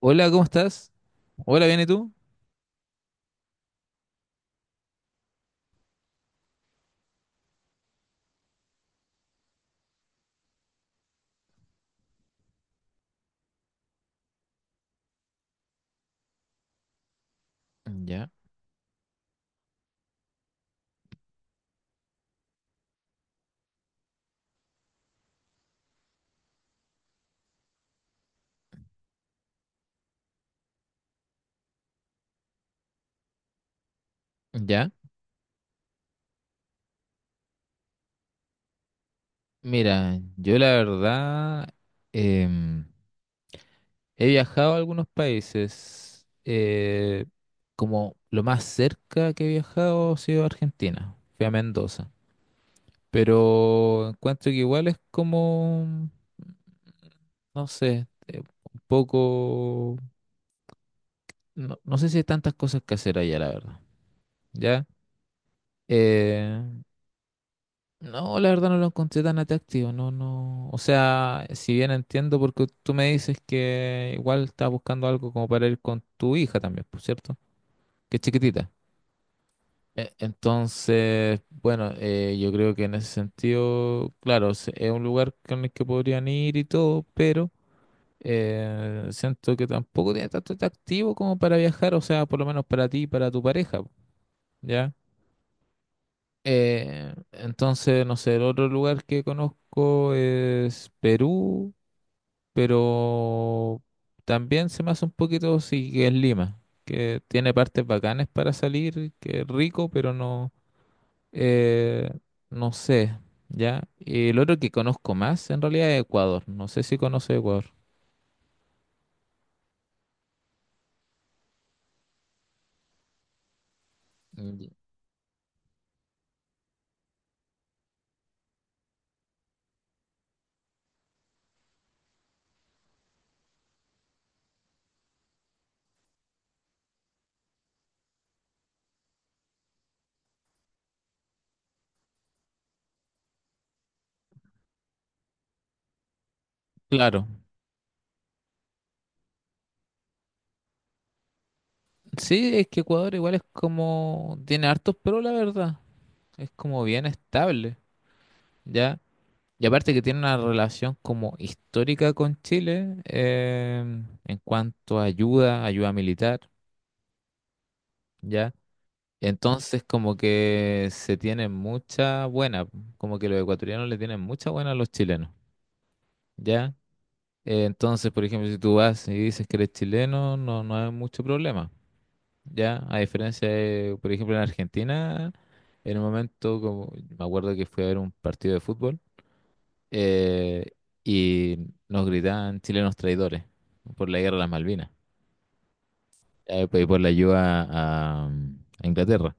Hola, ¿cómo estás? Hola, ¿bien y tú? Ya, ya. Mira, yo la verdad em, he viajado a algunos países. Como lo más cerca que he viajado ha sido Argentina. Fui a Mendoza. Pero encuentro que igual es como, no sé, un poco. No, no sé si hay tantas cosas que hacer allá, la verdad. ¿Ya? Eh, No, la verdad no lo encontré tan atractivo, no, no. O sea, si bien entiendo porque tú me dices que igual estás buscando algo como para ir con tu hija también, por cierto, que es chiquitita. Entonces, bueno, yo creo que en ese sentido, claro, es un lugar con el que podrían ir y todo, pero siento que tampoco tiene tanto atractivo como para viajar, o sea, por lo menos para ti y para tu pareja, ¿ya? Entonces, no sé, el otro lugar que conozco es Perú, pero también se me hace un poquito, sí, que es Lima, que tiene partes bacanas para salir, que es rico, pero no, eh, no sé, ¿ya? Y el otro que conozco más, en realidad, es Ecuador. No sé si conoce Ecuador. Mm. Claro, sí, es que Ecuador igual es como, tiene hartos pero la verdad, es como bien estable, ¿ya? Y aparte que tiene una relación como histórica con Chile, en cuanto a ayuda, ayuda militar, ¿ya? Entonces como que se tienen mucha buena, como que los ecuatorianos le tienen mucha buena a los chilenos, ¿ya? Entonces, por ejemplo, si tú vas y dices que eres chileno, no, no hay mucho problema, ¿ya? A diferencia de, por ejemplo, en Argentina, en un momento, como, me acuerdo que fui a ver un partido de fútbol. eh, y nos gritaban chilenos traidores por la guerra de las Malvinas, pues, y por la ayuda a Inglaterra.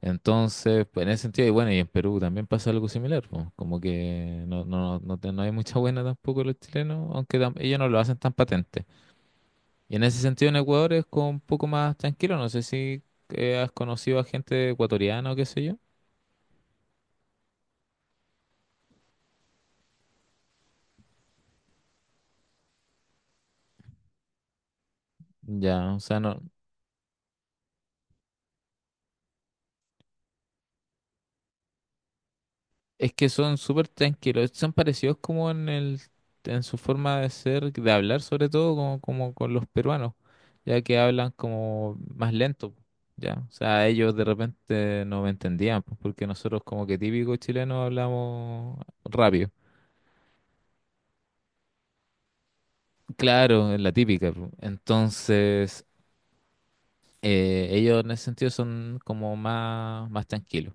Entonces, pues, en ese sentido, y bueno, y en Perú también pasa algo similar, pues, como que no, no, no, no hay mucha buena tampoco los chilenos, aunque ellos no lo hacen tan patente. Y en ese sentido en Ecuador es como un poco más tranquilo, no sé si has conocido a gente ecuatoriana o qué sé yo. Ya, o sea, no. Es que son súper tranquilos, son parecidos como en el, en su forma de ser, de hablar sobre todo, como, como con los peruanos, ya que hablan como más lento, ya. O sea, ellos de repente no me entendían, pues, porque nosotros como que típico chileno hablamos rápido. Claro, es la típica, pues. Entonces, ellos en ese sentido son como más, más tranquilos.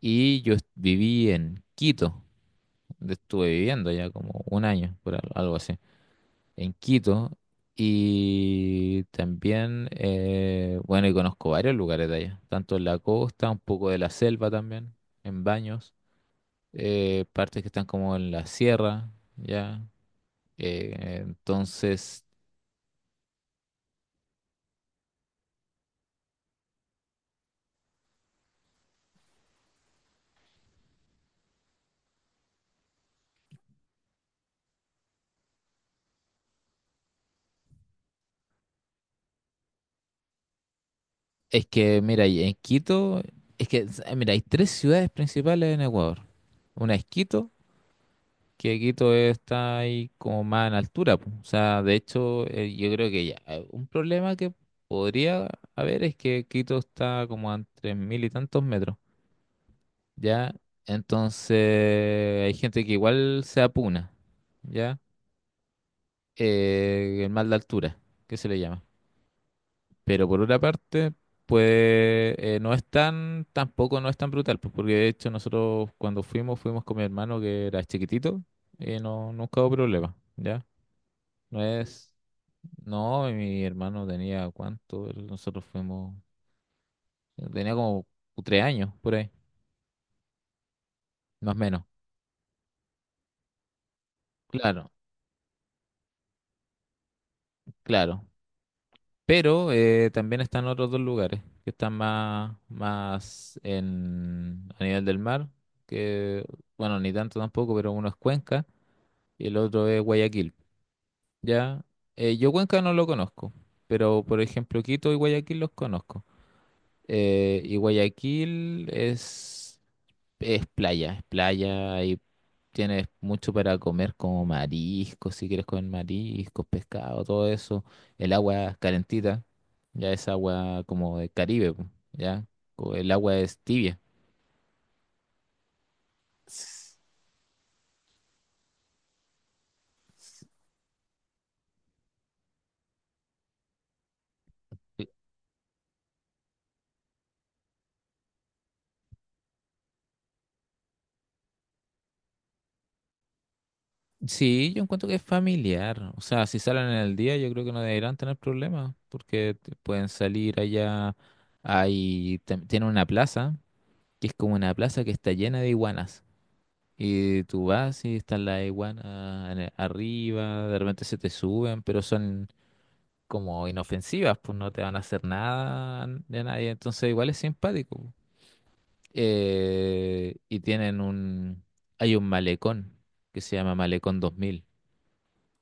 Y yo viví en Quito, donde estuve viviendo ya como un año, por algo así. En Quito. Y también, bueno, y conozco varios lugares de allá, tanto en la costa, un poco de la selva también, en Baños, partes que están como en la sierra, ya. Entonces, es que, mira, y en Quito, es que, mira, hay tres ciudades principales en Ecuador. Una es Quito, que Quito está ahí como más en altura, po. O sea, de hecho, yo creo que ya, un problema que podría haber es que Quito está como a 3000 y tantos metros, ¿ya? Entonces, hay gente que igual se apuna, ¿ya? El mal de altura, que se le llama. Pero por otra parte, pues no es tan, tampoco no es tan brutal, pues, porque de hecho nosotros cuando fuimos, fuimos con mi hermano que era chiquitito, y no, nunca hubo problema, ¿ya? No es. No, mi hermano tenía cuánto, nosotros fuimos, tenía como 3 años por ahí, más o menos. Claro, claro. Pero también están otros dos lugares que están más, más en, a nivel del mar, que bueno, ni tanto tampoco, pero uno es Cuenca y el otro es Guayaquil. Ya. Yo Cuenca no lo conozco, pero por ejemplo Quito y Guayaquil los conozco. Y Guayaquil es playa, es playa y tienes mucho para comer como mariscos, si quieres comer mariscos, pescado, todo eso. El agua es calentita, ya es agua como de Caribe, po, ya. El agua es tibia. S- eh, Sí, yo encuentro que es familiar. O sea, si salen en el día, yo creo que no deberán tener problemas, porque pueden salir allá. Hay, tienen una plaza, que es como una plaza que está llena de iguanas. Y tú vas y están las iguanas en arriba, de repente se te suben, pero son como inofensivas, pues no te van a hacer nada de nadie, entonces igual es simpático. Y tienen un, hay un malecón que se llama Malecón 2000,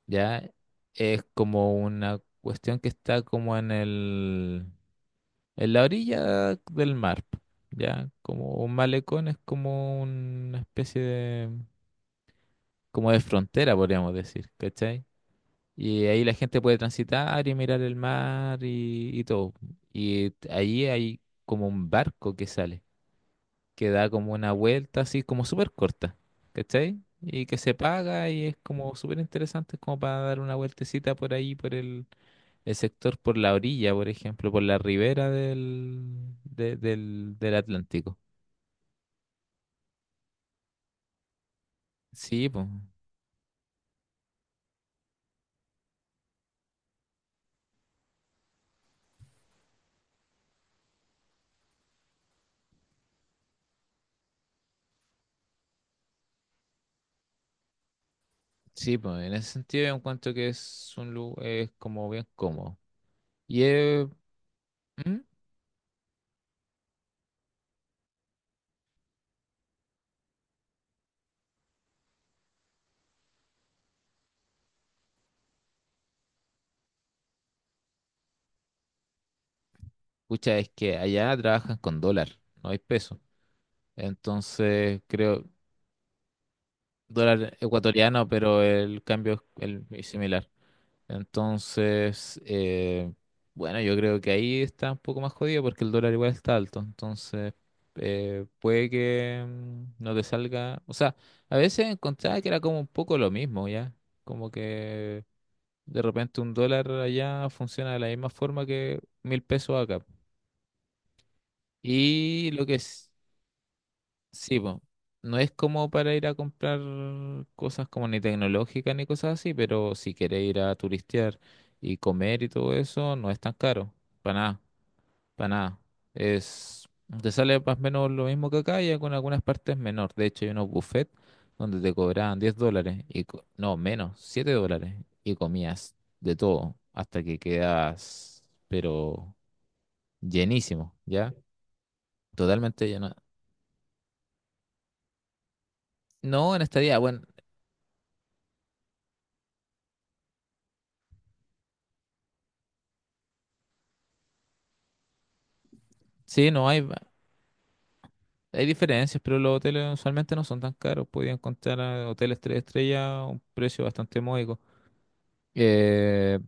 ¿ya? Es como una cuestión que está como en el, en la orilla del mar, ¿ya? Como un malecón es como una especie de como de frontera, podríamos decir, ¿cachai? Y ahí la gente puede transitar y mirar el mar y todo. Y ahí hay como un barco que sale, que da como una vuelta así como súper corta, ¿cachai? Y que se paga y es como súper interesante, es como para dar una vueltecita por ahí, por el sector, por la orilla, por ejemplo, por la ribera del, del, del Atlántico. Sí, pues, sí, pues, en ese sentido yo encuentro que es un lugar, es como bien cómodo. Y mm, pucha, es que allá trabajan con dólar, no hay peso. Entonces, creo, dólar ecuatoriano, pero el cambio es es similar. Entonces, bueno, yo creo que ahí está un poco más jodido porque el dólar igual está alto. Entonces, puede que no te salga. O sea, a veces encontraba que era como un poco lo mismo, ¿ya? Como que de repente un dólar allá funciona de la misma forma que 1000 pesos acá. Y lo que es, sí, po, no es como para ir a comprar cosas como ni tecnológicas ni cosas así, pero si quieres ir a turistear y comer y todo eso, no es tan caro, para nada, para nada. Es, te sale más o menos lo mismo que acá y con algunas partes menor. De hecho, hay unos buffets donde te cobraban $10, y, no, menos, $7, y comías de todo hasta que quedas, pero llenísimo, ¿ya? Totalmente lleno. No, en estadía, bueno, sí, no hay, hay diferencias, pero los hoteles usualmente no son tan caros. Podía encontrar a hoteles tres estrellas a un precio bastante módico. Eh,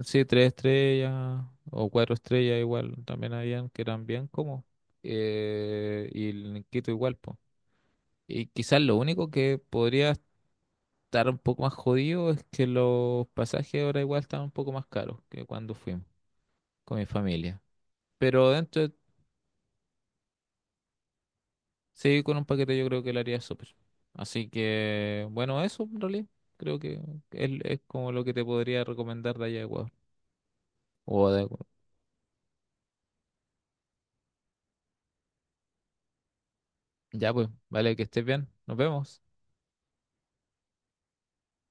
sí, tres estrellas o cuatro estrellas igual, también habían que eran bien cómodos. Y el Quito igual, pues. Y quizás lo único que podría estar un poco más jodido es que los pasajes ahora igual están un poco más caros que cuando fuimos con mi familia. Pero dentro de, sí, con un paquete yo creo que le haría súper. Así que, bueno, eso en realidad creo que es como lo que te podría recomendar de allá de Ecuador. O de Ecuador. Ya pues, vale, que estés bien. Nos vemos.